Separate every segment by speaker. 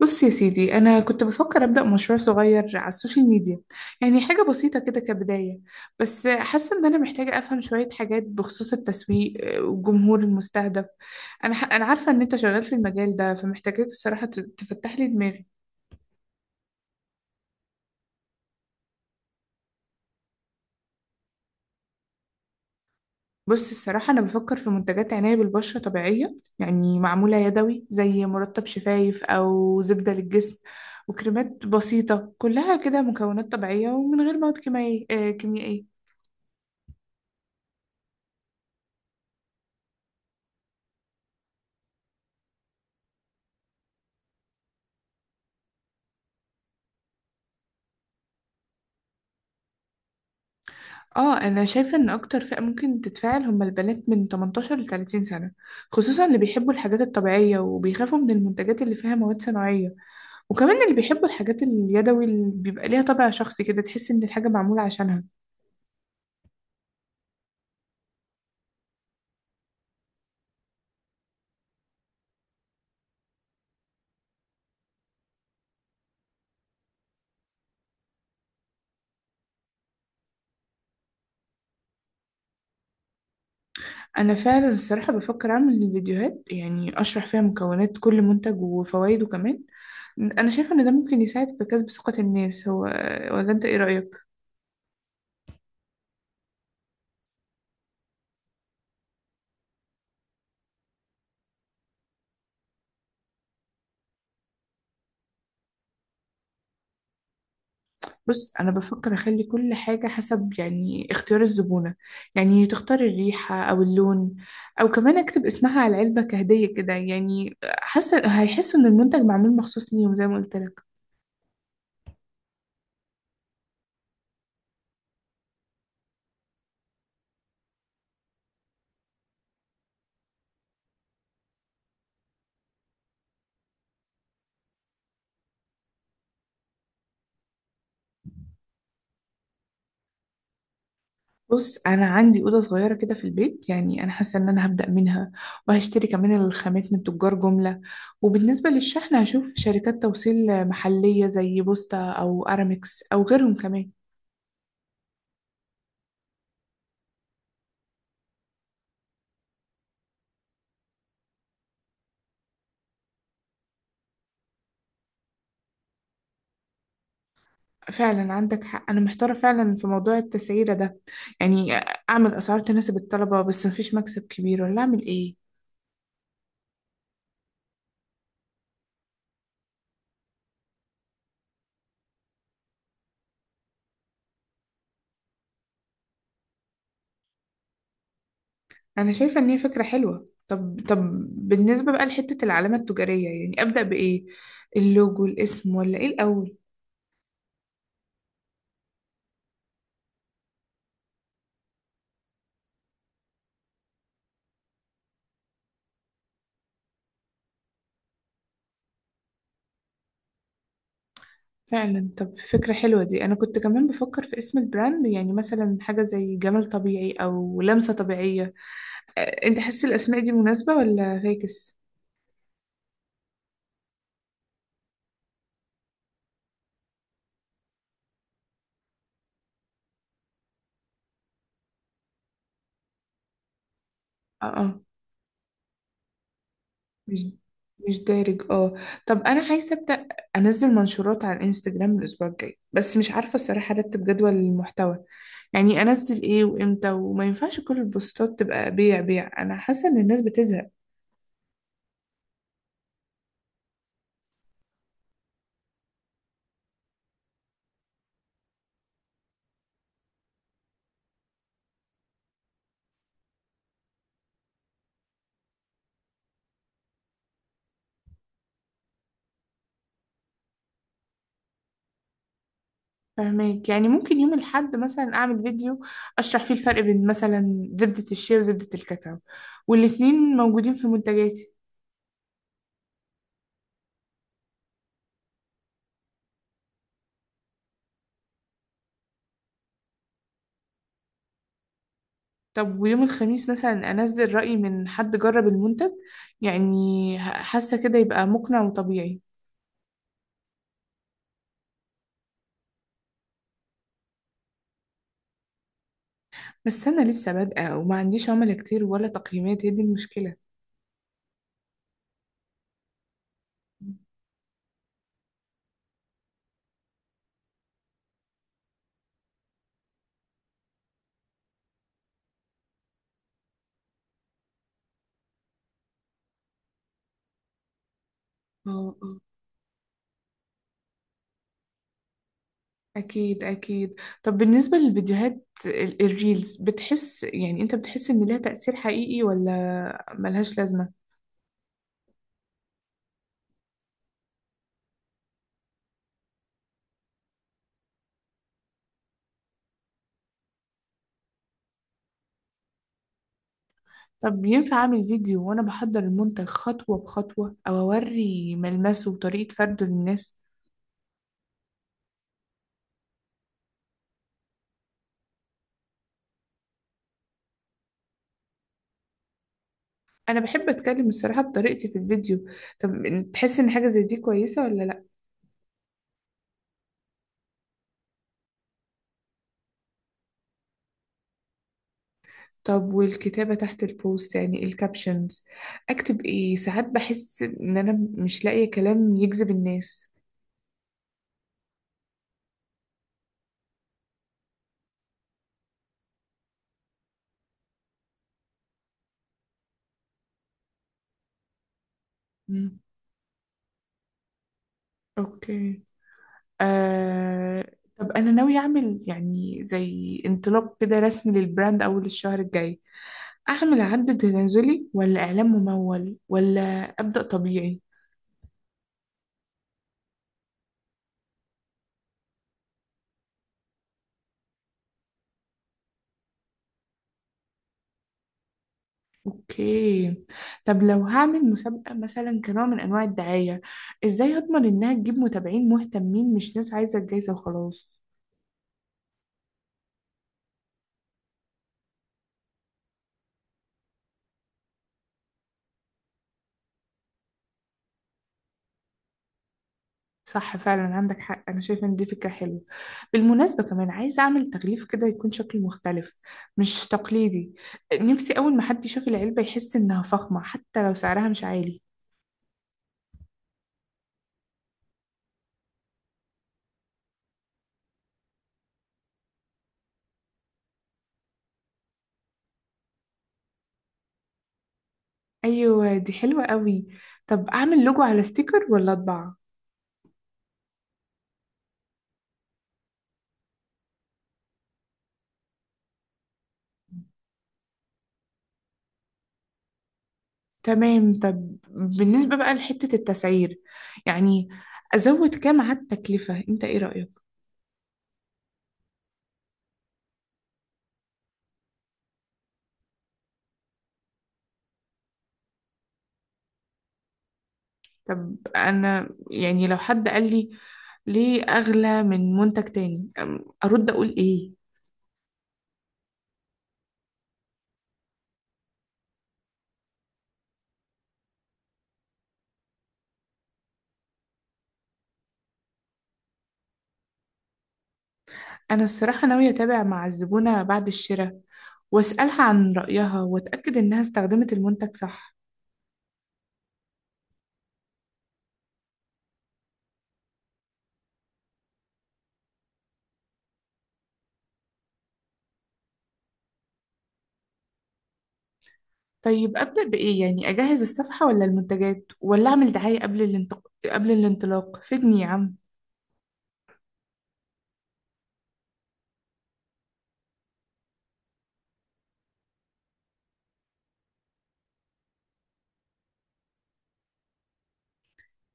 Speaker 1: بص يا سيدي، أنا كنت بفكر أبدأ مشروع صغير على السوشيال ميديا. يعني حاجة بسيطة كده كبداية. بس حاسة إن أنا محتاجة أفهم شوية حاجات بخصوص التسويق والجمهور المستهدف. أنا عارفة إن أنت شغال في المجال ده، فمحتاجاك الصراحة تفتح لي دماغي. بص الصراحة أنا بفكر في منتجات عناية بالبشرة طبيعية، يعني معمولة يدوي زي مرطب شفايف أو زبدة للجسم وكريمات بسيطة، كلها كده مكونات طبيعية ومن غير مواد كيميائية. اه انا شايفه ان اكتر فئه ممكن تتفاعل هم البنات من 18 ل 30 سنه، خصوصا اللي بيحبوا الحاجات الطبيعيه وبيخافوا من المنتجات اللي فيها مواد صناعيه. وكمان اللي بيحبوا الحاجات اليدوي اللي بيبقى ليها طابع شخصي، كده تحس ان الحاجه معموله عشانها. انا فعلا الصراحه بفكر اعمل فيديوهات، يعني اشرح فيها مكونات كل منتج وفوائده كمان. انا شايفه ان ده ممكن يساعد في كسب ثقه الناس، هو ولا انت، ايه رايك؟ بص انا بفكر اخلي كل حاجه حسب يعني اختيار الزبونه، يعني تختار الريحه او اللون، او كمان اكتب اسمها على العلبه كهديه كده، يعني حاسه هيحسوا ان المنتج معمول مخصوص ليهم زي ما قلت لك. بص انا عندي اوضه صغيره كده في البيت، يعني انا حاسه ان انا هبدا منها. وهشتري كمان الخامات من تجار جمله، وبالنسبه للشحن هشوف شركات توصيل محليه زي بوستا او ارامكس او غيرهم كمان. فعلا عندك حق، أنا محتارة فعلا في موضوع التسعيرة ده. يعني أعمل أسعار تناسب الطلبة بس مفيش مكسب كبير، ولا أعمل إيه؟ أنا شايفة إن هي فكرة حلوة. طب، بالنسبة بقى لحتة العلامة التجارية، يعني أبدأ بإيه؟ اللوجو، الاسم، ولا إيه الأول؟ فعلا، طب فكرة حلوة دي. أنا كنت كمان بفكر في اسم البراند، يعني مثلا حاجة زي جمال طبيعي أو لمسة طبيعية. أنت حاسس الأسماء دي مناسبة ولا فاكس؟ اه آه. مش مش دارج اه. طب انا عايزه ابدا انزل منشورات على الانستجرام الاسبوع الجاي، بس مش عارفه الصراحه ارتب جدول المحتوى. يعني انزل ايه وامتى؟ وما ينفعش كل البوستات تبقى بيع بيع، انا حاسه ان الناس بتزهق. فهماك، يعني ممكن يوم الاحد مثلا اعمل فيديو اشرح فيه الفرق بين مثلا زبده الشيا وزبده الكاكاو، والاتنين موجودين في منتجاتي. طب ويوم الخميس مثلا انزل رأي من حد جرب المنتج، يعني حاسه كده يبقى مقنع وطبيعي. بس أنا لسه بادئة وما عنديش عملاء كتير ولا تقييمات، هي دي المشكلة. اه اه. أكيد أكيد. طب بالنسبة للفيديوهات الريلز، بتحس، يعني أنت بتحس إن لها تأثير حقيقي ولا ملهاش لازمة؟ طب ينفع أعمل فيديو وأنا بحضر المنتج خطوة بخطوة، أو أوري ملمسه وطريقة فرده للناس؟ أنا بحب أتكلم الصراحة بطريقتي في الفيديو. طب، تحس إن حاجة زي دي كويسة ولا لأ؟ طب والكتابة تحت البوست، يعني الكابشنز، أكتب إيه؟ ساعات بحس إن أنا مش لاقية كلام يجذب الناس. مم. اوكي. آه... طب أنا ناوية أعمل يعني زي انطلاق كده رسمي للبراند أول الشهر الجاي. أعمل عد تنازلي ولا إعلان ممول، ولا أبدأ طبيعي؟ أوكي. طب لو هعمل مسابقة مثلا كنوع من أنواع الدعاية، إزاي أضمن إنها تجيب متابعين مهتمين مش ناس عايزة الجايزة وخلاص؟ صح، فعلا عندك حق، انا شايفه ان دي فكره حلوه. بالمناسبه كمان عايزه اعمل تغليف كده يكون شكله مختلف، مش تقليدي. نفسي اول ما حد يشوف العلبه يحس انها فخمه حتى لو سعرها مش عالي. ايوه دي حلوه قوي. طب اعمل لوجو على ستيكر ولا اطبع؟ تمام. طب بالنسبه بقى لحته التسعير، يعني ازود كام على التكلفه؟ انت ايه رايك؟ طب انا يعني لو حد قال لي ليه اغلى من منتج تاني، ارد اقول ايه؟ أنا الصراحة ناوية أتابع مع الزبونة بعد الشراء وأسألها عن رأيها وأتأكد إنها استخدمت المنتج صح. طيب أبدأ بإيه؟ يعني أجهز الصفحة ولا المنتجات، ولا أعمل دعاية قبل قبل الانطلاق؟ فدني يا عم.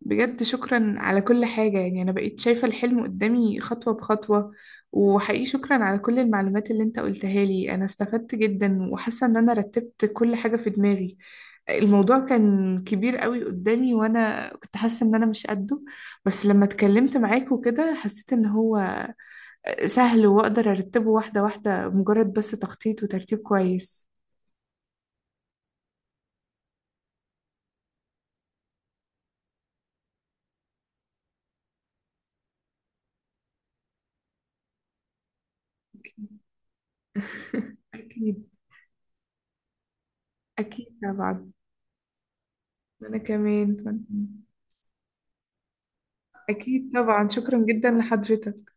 Speaker 1: بجد شكرا على كل حاجة، يعني أنا بقيت شايفة الحلم قدامي خطوة بخطوة. وحقيقي شكرا على كل المعلومات اللي أنت قلتها لي، أنا استفدت جدا وحاسة إن أنا رتبت كل حاجة في دماغي. الموضوع كان كبير قوي قدامي وانا كنت حاسه ان انا مش قده، بس لما اتكلمت معاك وكده حسيت ان هو سهل واقدر ارتبه واحده واحده، مجرد بس تخطيط وترتيب كويس. اكيد اكيد. أكيد طبعا. انا كمان وأنا كمان. اكيد طبعا، شكرا جدا لحضرتك.